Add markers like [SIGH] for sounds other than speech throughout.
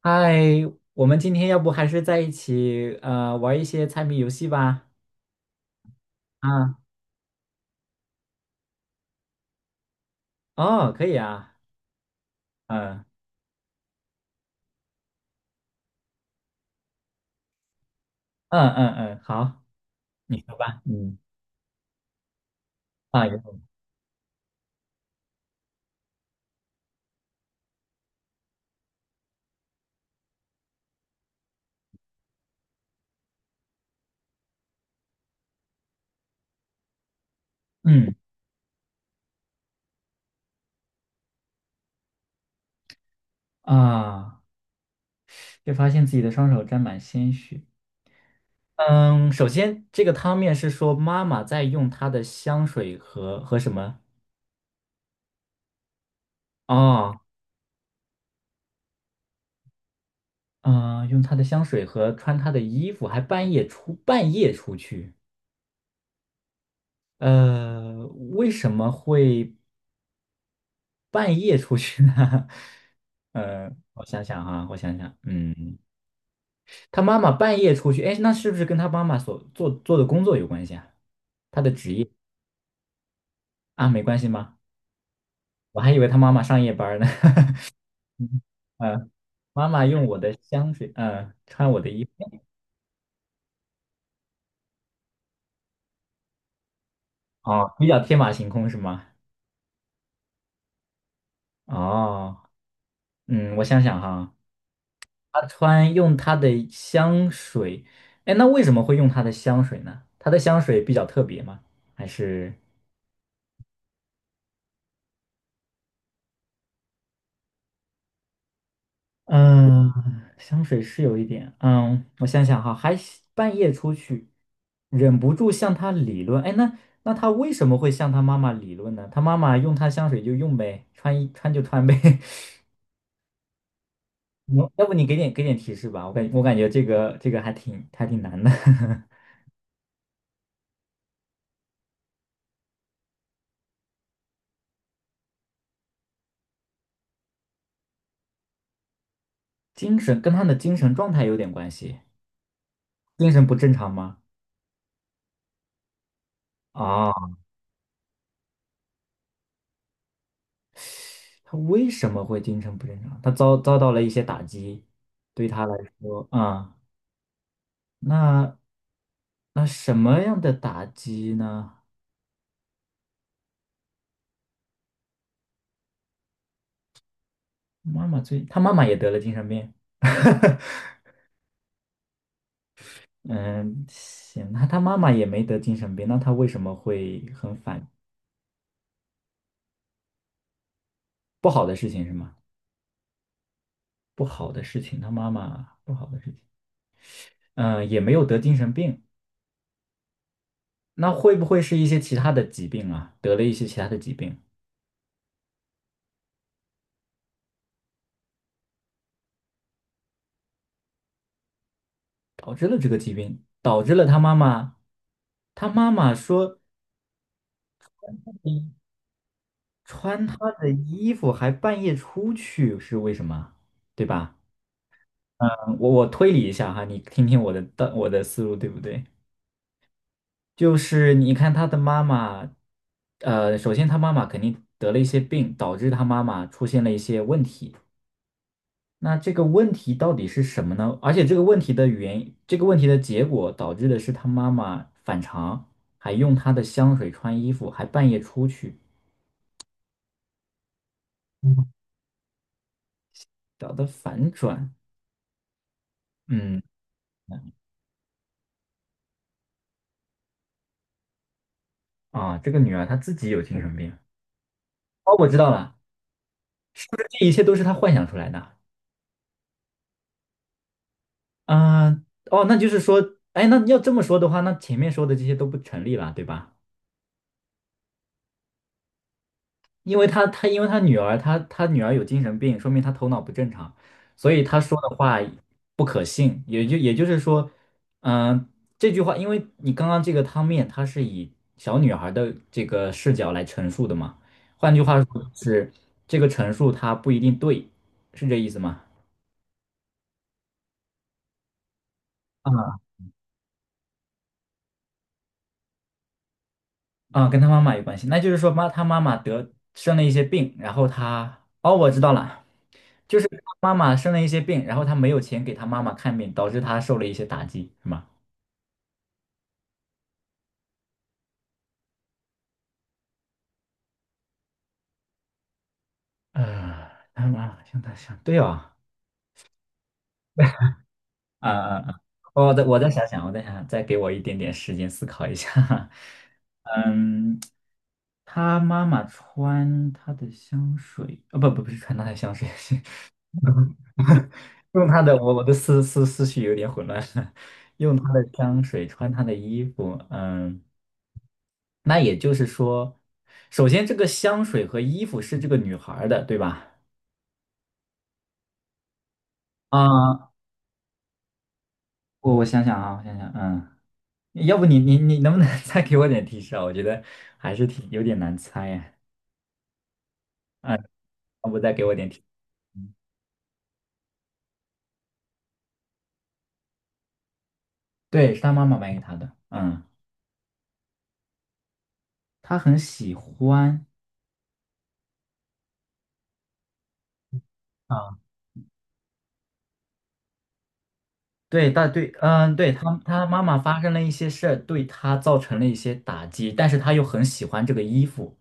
嗨，我们今天要不还是在一起玩一些猜谜游戏吧？啊，哦，可以啊，嗯嗯嗯嗯，好，你说吧，嗯啊，有嗯啊，就发现自己的双手沾满鲜血。嗯，首先这个汤面是说妈妈在用她的香水和什么？哦，嗯、用她的香水和穿她的衣服，还半夜出去。呃，为什么会？半夜出去呢？[LAUGHS] 我想想，嗯，他妈妈半夜出去，哎，那是不是跟他妈妈所做的工作有关系啊？他的职业啊，没关系吗？我还以为他妈妈上夜班儿呢。[LAUGHS] 嗯，妈妈用我的香水，穿我的衣服，哦，比较天马行空是吗？哦，嗯，我想想哈，他用他的香水，哎，那为什么会用他的香水呢？他的香水比较特别吗？还是？嗯，香水是有一点，嗯，我想想哈，还半夜出去，忍不住向他理论。哎，那他为什么会向他妈妈理论呢？他妈妈用他香水就用呗，穿一穿就穿呗。[LAUGHS] 嗯，要不你给点提示吧，我感觉这个还挺难的，[LAUGHS] 精神跟他的精神状态有点关系，精神不正常吗？啊，他为什么会精神不正常？他遭到了一些打击，对他来说，那那什么样的打击呢？妈妈最，他妈妈也得了精神病。[LAUGHS] 嗯，行，那他妈妈也没得精神病，那他为什么会很反？不好的事情是吗？不好的事情，他妈妈不好的事情，嗯，也没有得精神病，那会不会是一些其他的疾病啊？得了一些其他的疾病，导致了这个疾病，导致了他妈妈，他妈妈说你穿他的衣服还半夜出去是为什么？对吧？我推理一下哈，你听听我的思路对不对？就是你看他的妈妈，首先他妈妈肯定得了一些病，导致他妈妈出现了一些问题。那这个问题到底是什么呢？而且这个问题的原因这个问题的结果导致的是他妈妈反常，还用他的香水穿衣服，还半夜出去，嗯搞得反转。嗯啊，这个女儿她自己有精神病。哦，我知道了，是不是这一切都是她幻想出来的？嗯，哦，那就是说，哎，那要这么说的话，那前面说的这些都不成立了，对吧？因为因为他女儿，他女儿有精神病，说明他头脑不正常，所以他说的话不可信。也就是说，嗯、这句话，因为你刚刚这个汤面，它是以小女孩的这个视角来陈述的嘛，换句话说，就是这个陈述它不一定对，是这意思吗？啊，啊，跟他妈妈有关系。那就是说他妈妈得生了一些病，然后他，哦，我知道了，就是他妈妈生了一些病，然后他没有钱给他妈妈看病，导致他受了一些打击，是吗？啊，他妈妈向他想，对哦，啊啊啊！我再想想，再给我一点点时间思考一下。[LAUGHS] 嗯，他妈妈穿他的香水，不是穿他的香水，是用他的，我的思绪有点混乱，[LAUGHS] 用他的香水，穿他的衣服，嗯，那也就是说，首先这个香水和衣服是这个女孩儿的，对吧？啊，我想想，嗯，要不你能不能 [LAUGHS] 再给我点提示啊？我觉得还是挺有点难猜呀，嗯，要不再给我点提示？对，是他妈妈买给他的，嗯，他很喜欢。啊。对，对，嗯，对，他妈妈发生了一些事儿，对他造成了一些打击，但是他又很喜欢这个衣服，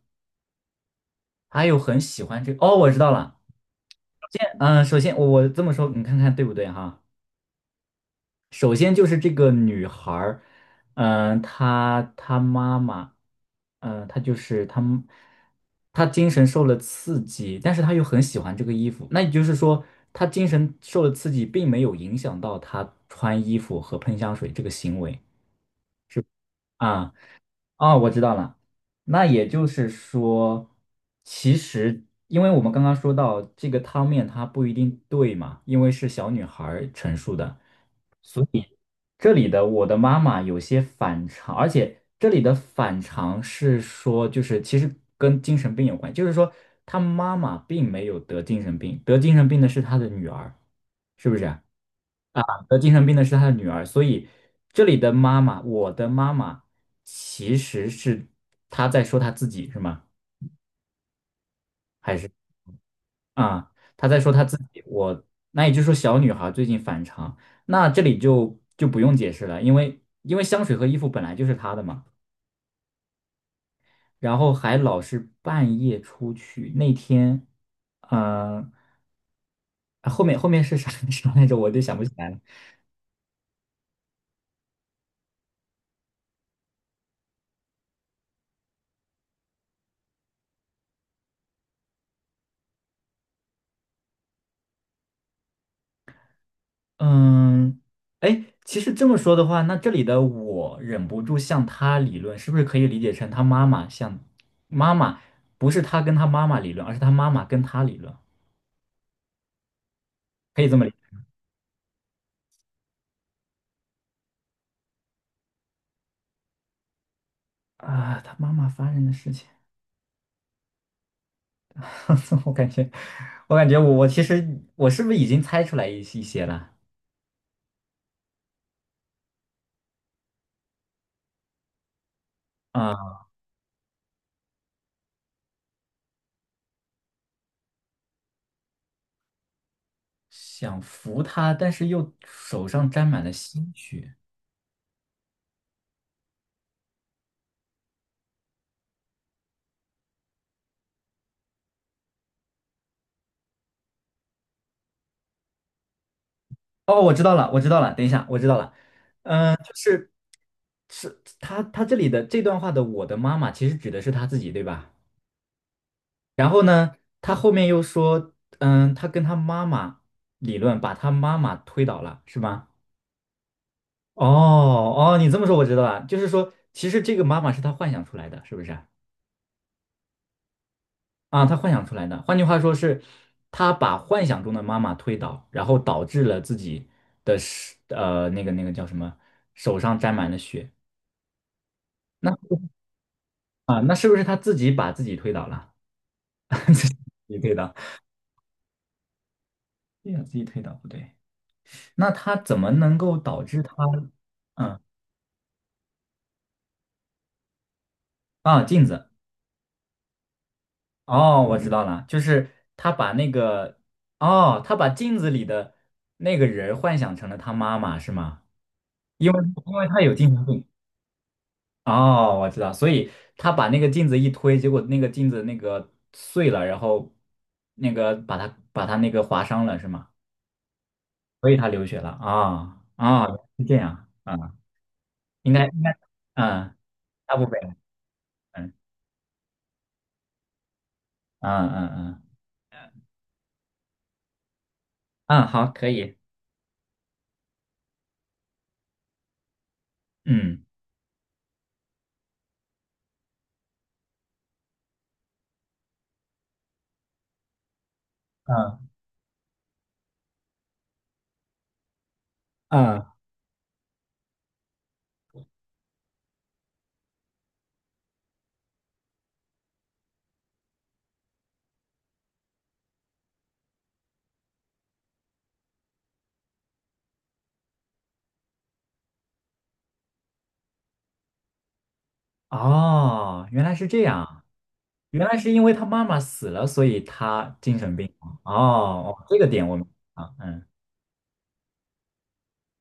他又很喜欢这个。哦，我知道了，嗯，首先我这么说，你看看对不对哈？首先就是这个女孩儿，嗯，她妈妈，嗯，她就是她妈她精神受了刺激，但是她又很喜欢这个衣服，那也就是说，她精神受了刺激，并没有影响到她穿衣服和喷香水这个行为啊。啊，我知道了。那也就是说，其实因为我们刚刚说到这个汤面它不一定对嘛，因为是小女孩儿陈述的。这里的我的妈妈有些反常，而且这里的反常是说，就是其实跟精神病有关，就是说她妈妈并没有得精神病，得精神病的是她的女儿，是不是啊？啊，得精神病的是他的女儿，所以这里的妈妈，我的妈妈，其实是她在说她自己是吗？还是啊，她在说她自己？那也就是说，小女孩最近反常，那这里就不用解释了，因为香水和衣服本来就是她的嘛，然后还老是半夜出去，那天，嗯、后面是啥 [LAUGHS] 啥来着 [LAUGHS]？我就想不起来了。嗯，哎，其实这么说的话，那这里的我忍不住向他理论，是不是可以理解成他妈妈向妈妈，不是他跟他妈妈理论，而是他妈妈跟他理论，可以这么理解啊？他妈妈发生的事情，[LAUGHS] 我感觉，我感觉我其实我是不是已经猜出来一些了啊？想扶他，但是又手上沾满了鲜血。哦，我知道了，我知道了，等一下，我知道了。是。是他这里的这段话的“我的妈妈”其实指的是他自己，对吧？然后呢，他后面又说，嗯，他跟他妈妈理论，把他妈妈推倒了，是吗？哦哦，你这么说我知道了，就是说，其实这个妈妈是他幻想出来的，是不是啊？啊，他幻想出来的，换句话说是，他把幻想中的妈妈推倒，然后导致了自己的是那个叫什么，手上沾满了血。那啊，那是不是他自己把自己推倒了？[LAUGHS] 自己推倒。对呀，自己推倒不对，那他怎么能够导致他？嗯，啊，镜子，哦，我知道了，就是他把那个，哦，他把镜子里的那个人儿幻想成了他妈妈，是吗？因为他有精神病。哦，我知道，所以他把那个镜子一推，结果那个镜子那个碎了，然后那个把他那个划伤了，是吗？所以他流血了啊啊，是这样啊，应该应该，嗯，大部分，嗯嗯嗯嗯。嗯，好，可以。嗯嗯嗯，哦，原来是这样，原来是因为他妈妈死了，所以他精神病了哦，哦，这个点我们啊，嗯，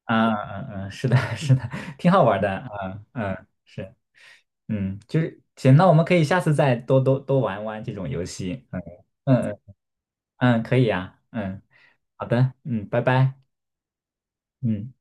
啊，嗯嗯，嗯是的，[LAUGHS] 是的，挺好玩的，嗯嗯，是，嗯，就是行，那我们可以下次再多多玩玩这种游戏，嗯嗯嗯嗯，可以呀，嗯，好的，嗯，拜拜，嗯。